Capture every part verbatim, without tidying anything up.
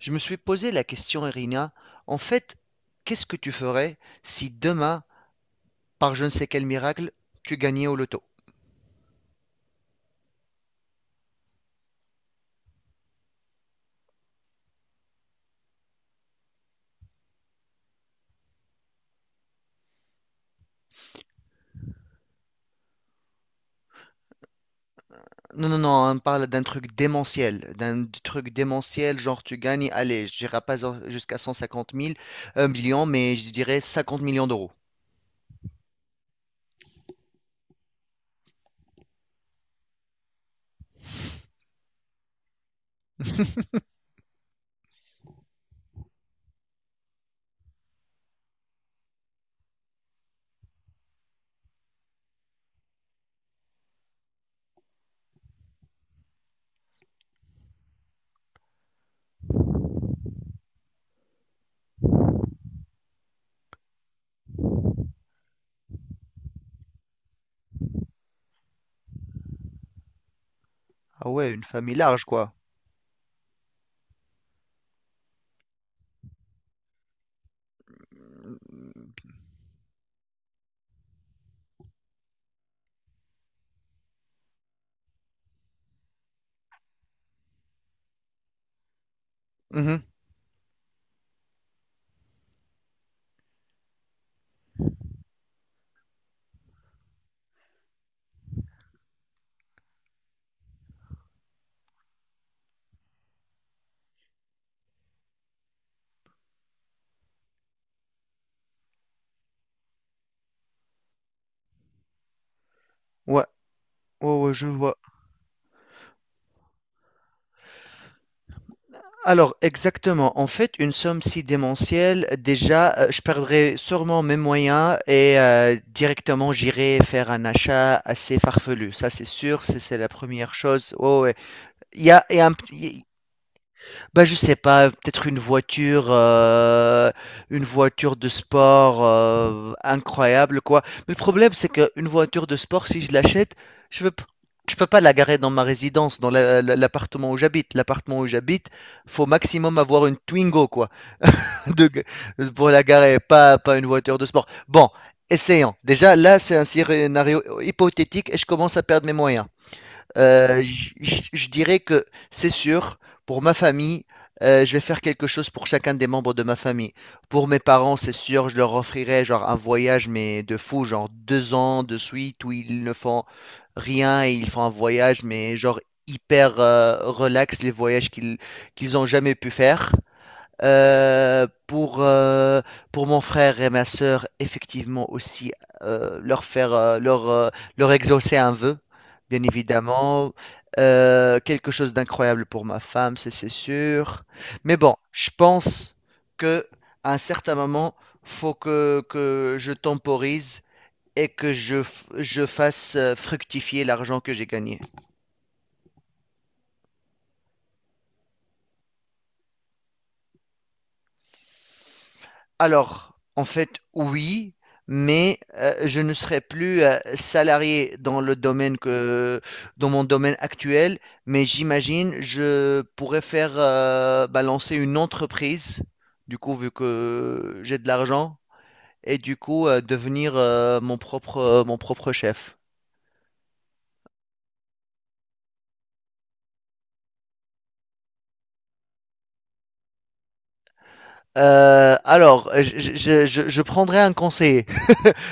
Je me suis posé la question, Irina, en fait, qu'est-ce que tu ferais si demain, par je ne sais quel miracle, tu gagnais au loto? Non, non, non, on parle d'un truc démentiel, d'un truc démentiel, genre tu gagnes, allez, je dirais pas zo- jusqu'à cent cinquante mille, 1 million, mais je dirais 50 millions d'euros. Ah ouais, une famille large, quoi. Mhm. Ouais, ouais, ouais, je vois. Alors, exactement. En fait, une somme si démentielle, déjà, euh, je perdrais sûrement mes moyens et euh, directement j'irai faire un achat assez farfelu. Ça, c'est sûr, c'est c'est la première chose. Ouais, ouais. Il y a, il y a un p- bah, je sais pas, peut-être une voiture, heu, une voiture de sport, heu, incroyable quoi. Mais le problème, c'est qu'une voiture de sport, si je l'achète, je veux p je peux pas la garer dans ma résidence, dans la la l'appartement où j'habite. L'appartement où j'habite, faut maximum avoir une Twingo quoi, de pour la garer, pas pas une voiture de sport. Bon, essayons. Déjà là, c'est un scénario hypothétique et je commence à perdre mes moyens. Euh, j- j- je dirais que c'est sûr, pour ma famille, euh, je vais faire quelque chose pour chacun des membres de ma famille. Pour mes parents, c'est sûr, je leur offrirai genre un voyage, mais de fou, genre deux ans de suite où ils ne font rien et ils font un voyage, mais genre hyper euh, relax, les voyages qu'ils qu'ils ont jamais pu faire. Euh, pour, euh, pour mon frère et ma sœur, effectivement aussi, euh, leur faire, euh, leur, euh, leur exaucer un vœu, bien évidemment. Euh, quelque chose d'incroyable pour ma femme, c'est c'est sûr. Mais bon, je pense que à un certain moment, faut que, que je temporise et que je, f- je fasse euh, fructifier l'argent que j'ai gagné. Alors, en fait, oui, mais euh, je ne serai plus euh, salarié dans le domaine que, dans mon domaine actuel, mais j'imagine je pourrais faire euh, bah, lancer une entreprise, du coup, vu que j'ai de l'argent, et du coup, euh, devenir euh, mon propre, mon propre chef. Euh, alors, je, je, je, je prendrai un conseiller.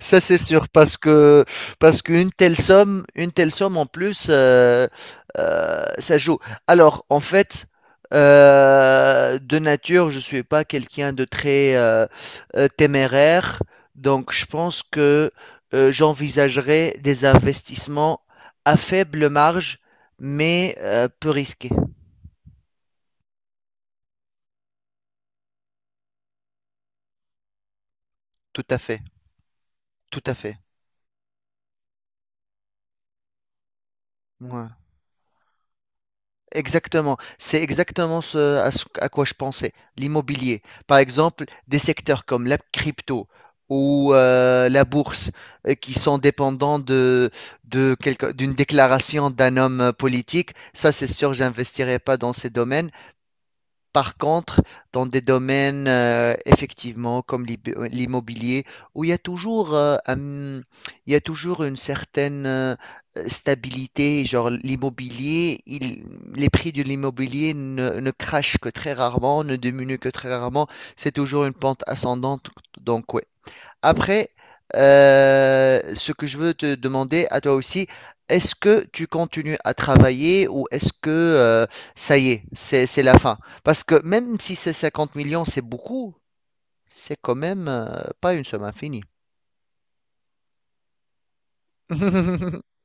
Ça c'est sûr parce que parce qu'une telle somme, une telle somme en plus, euh, euh, ça joue. Alors en fait, euh, de nature, je suis pas quelqu'un de très euh, euh, téméraire, donc je pense que euh, j'envisagerais des investissements à faible marge, mais euh, peu risqués. Tout à fait, tout à fait. Ouais. Exactement, c'est exactement ce à, ce à quoi je pensais, l'immobilier. Par exemple, des secteurs comme la crypto ou euh, la bourse, euh, qui sont dépendants de, de quelque- d'une déclaration d'un homme euh, politique, ça c'est sûr, j'investirai pas dans ces domaines. Par contre, dans des domaines, euh, effectivement, comme l'ib- l'immobilier, où il y a toujours, euh, un- il y a toujours une certaine euh, stabilité. Genre l'immobilier, il- les prix de l'immobilier ne, ne crachent que très rarement, ne diminuent que très rarement. C'est toujours une pente ascendante. Donc, ouais, après, euh, ce que je veux te demander à toi aussi, est-ce que tu continues à travailler ou est-ce que euh, ça y est, c'est, c'est la fin? Parce que même si c'est cinquante millions, c'est beaucoup, c'est quand même euh, pas une somme infinie.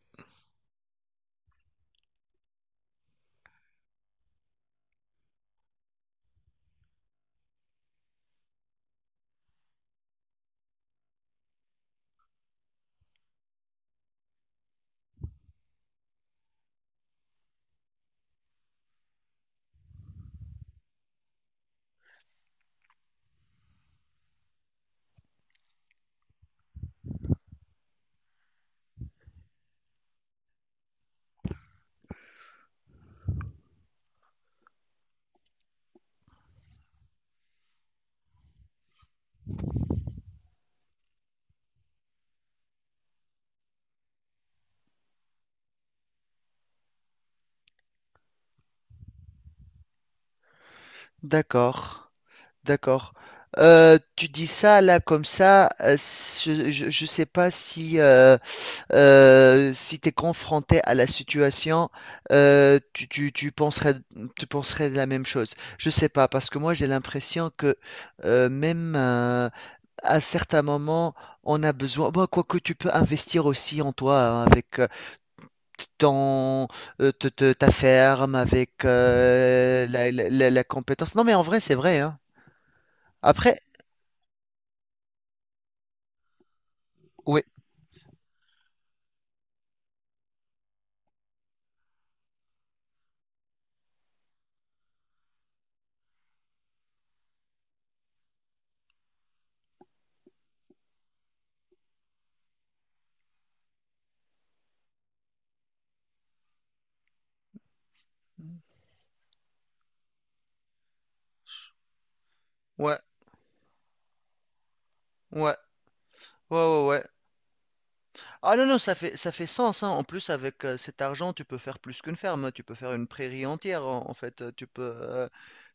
D'accord, d'accord. Euh, tu dis ça là comme ça. Euh, je, je, je sais pas si euh, Euh, si tu es confronté à la situation, euh, tu, tu, tu penserais, tu penserais la même chose. Je sais pas, parce que moi j'ai l'impression que euh, même euh, à certains moments, on a besoin. Bon, quoique tu peux investir aussi en toi hein, avec euh, ton, euh, te- te- ta ferme, avec euh, la, la- la- la compétence. Non, mais en vrai, c'est vrai, hein. Après, oui, ouais, ouais, ouais, ouais, ouais. Ah non, non, ça fait, ça fait sens, hein. En plus, avec euh, cet argent, tu peux faire plus qu'une ferme, tu peux faire une prairie entière, en, en fait. Euh, Tu peux, euh,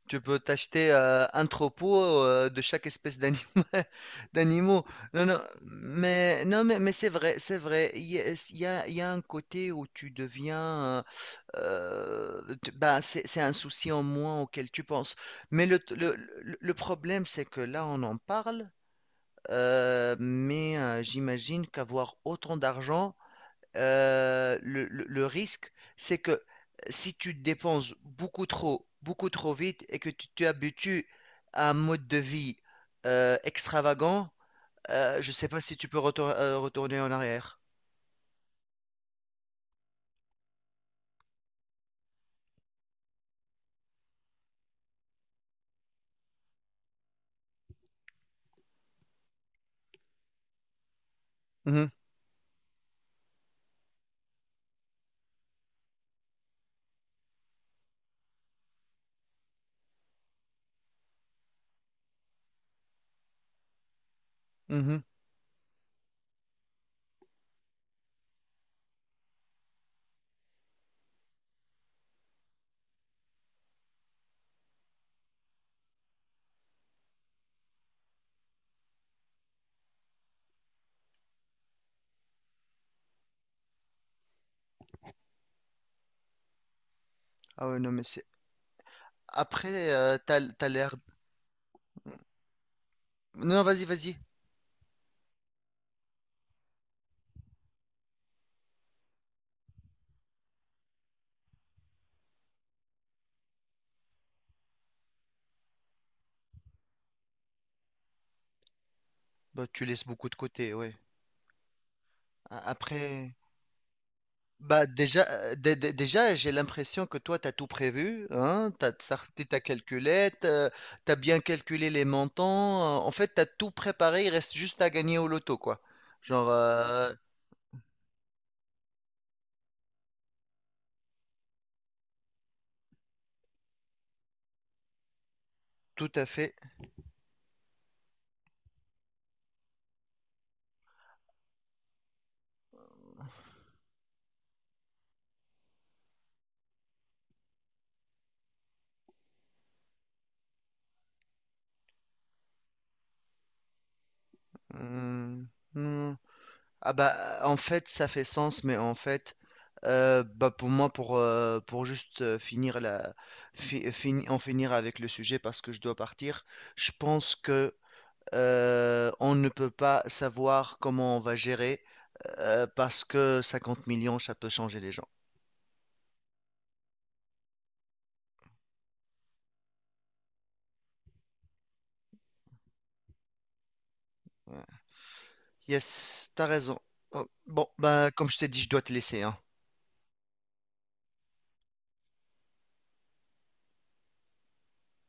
tu peux t'acheter euh, un troupeau euh, de chaque espèce d'anim- d'animaux. Non, non, mais, non, mais, mais c'est vrai, c'est vrai. Il y a, il y a- il y a un côté où tu deviens, euh, euh, tu- bah, c'est, c'est un souci en moins auquel tu penses. Mais le, le, le le problème, c'est que là, on en parle. Euh, mais euh, j'imagine qu'avoir autant d'argent, euh, le, le- le risque, c'est que si tu dépenses beaucoup trop, beaucoup trop vite et que tu t'habitues à un mode de vie euh, extravagant, euh, je ne sais pas si tu peux retour- euh, retourner en arrière. Mhm, mhm. Ah ouais, non, mais c'est. Après, euh, t'as, t'as l'air. Non, vas-y, vas-y. Bah, tu laisses beaucoup de côté, ouais. A- Après. Bah déjà, euh, dé- dé- déjà j'ai l'impression que toi, tu as tout prévu, hein, tu as ta calculette, tu as bien calculé les montants, euh, en fait, tu as tout préparé, il reste juste à gagner au loto, quoi. Genre, euh, tout à fait. Hum, hum. Ah bah, en fait, ça fait sens, mais en fait, euh, bah pour moi, pour, euh, pour juste euh, finir la, fi- fini- en finir avec le sujet, parce que je dois partir, je pense que Euh, on ne peut pas savoir comment on va gérer, euh, parce que cinquante millions, ça peut changer les gens. Ouais. Yes, t'as raison. Oh, bon, bah, comme je t'ai dit, je dois te laisser, hein.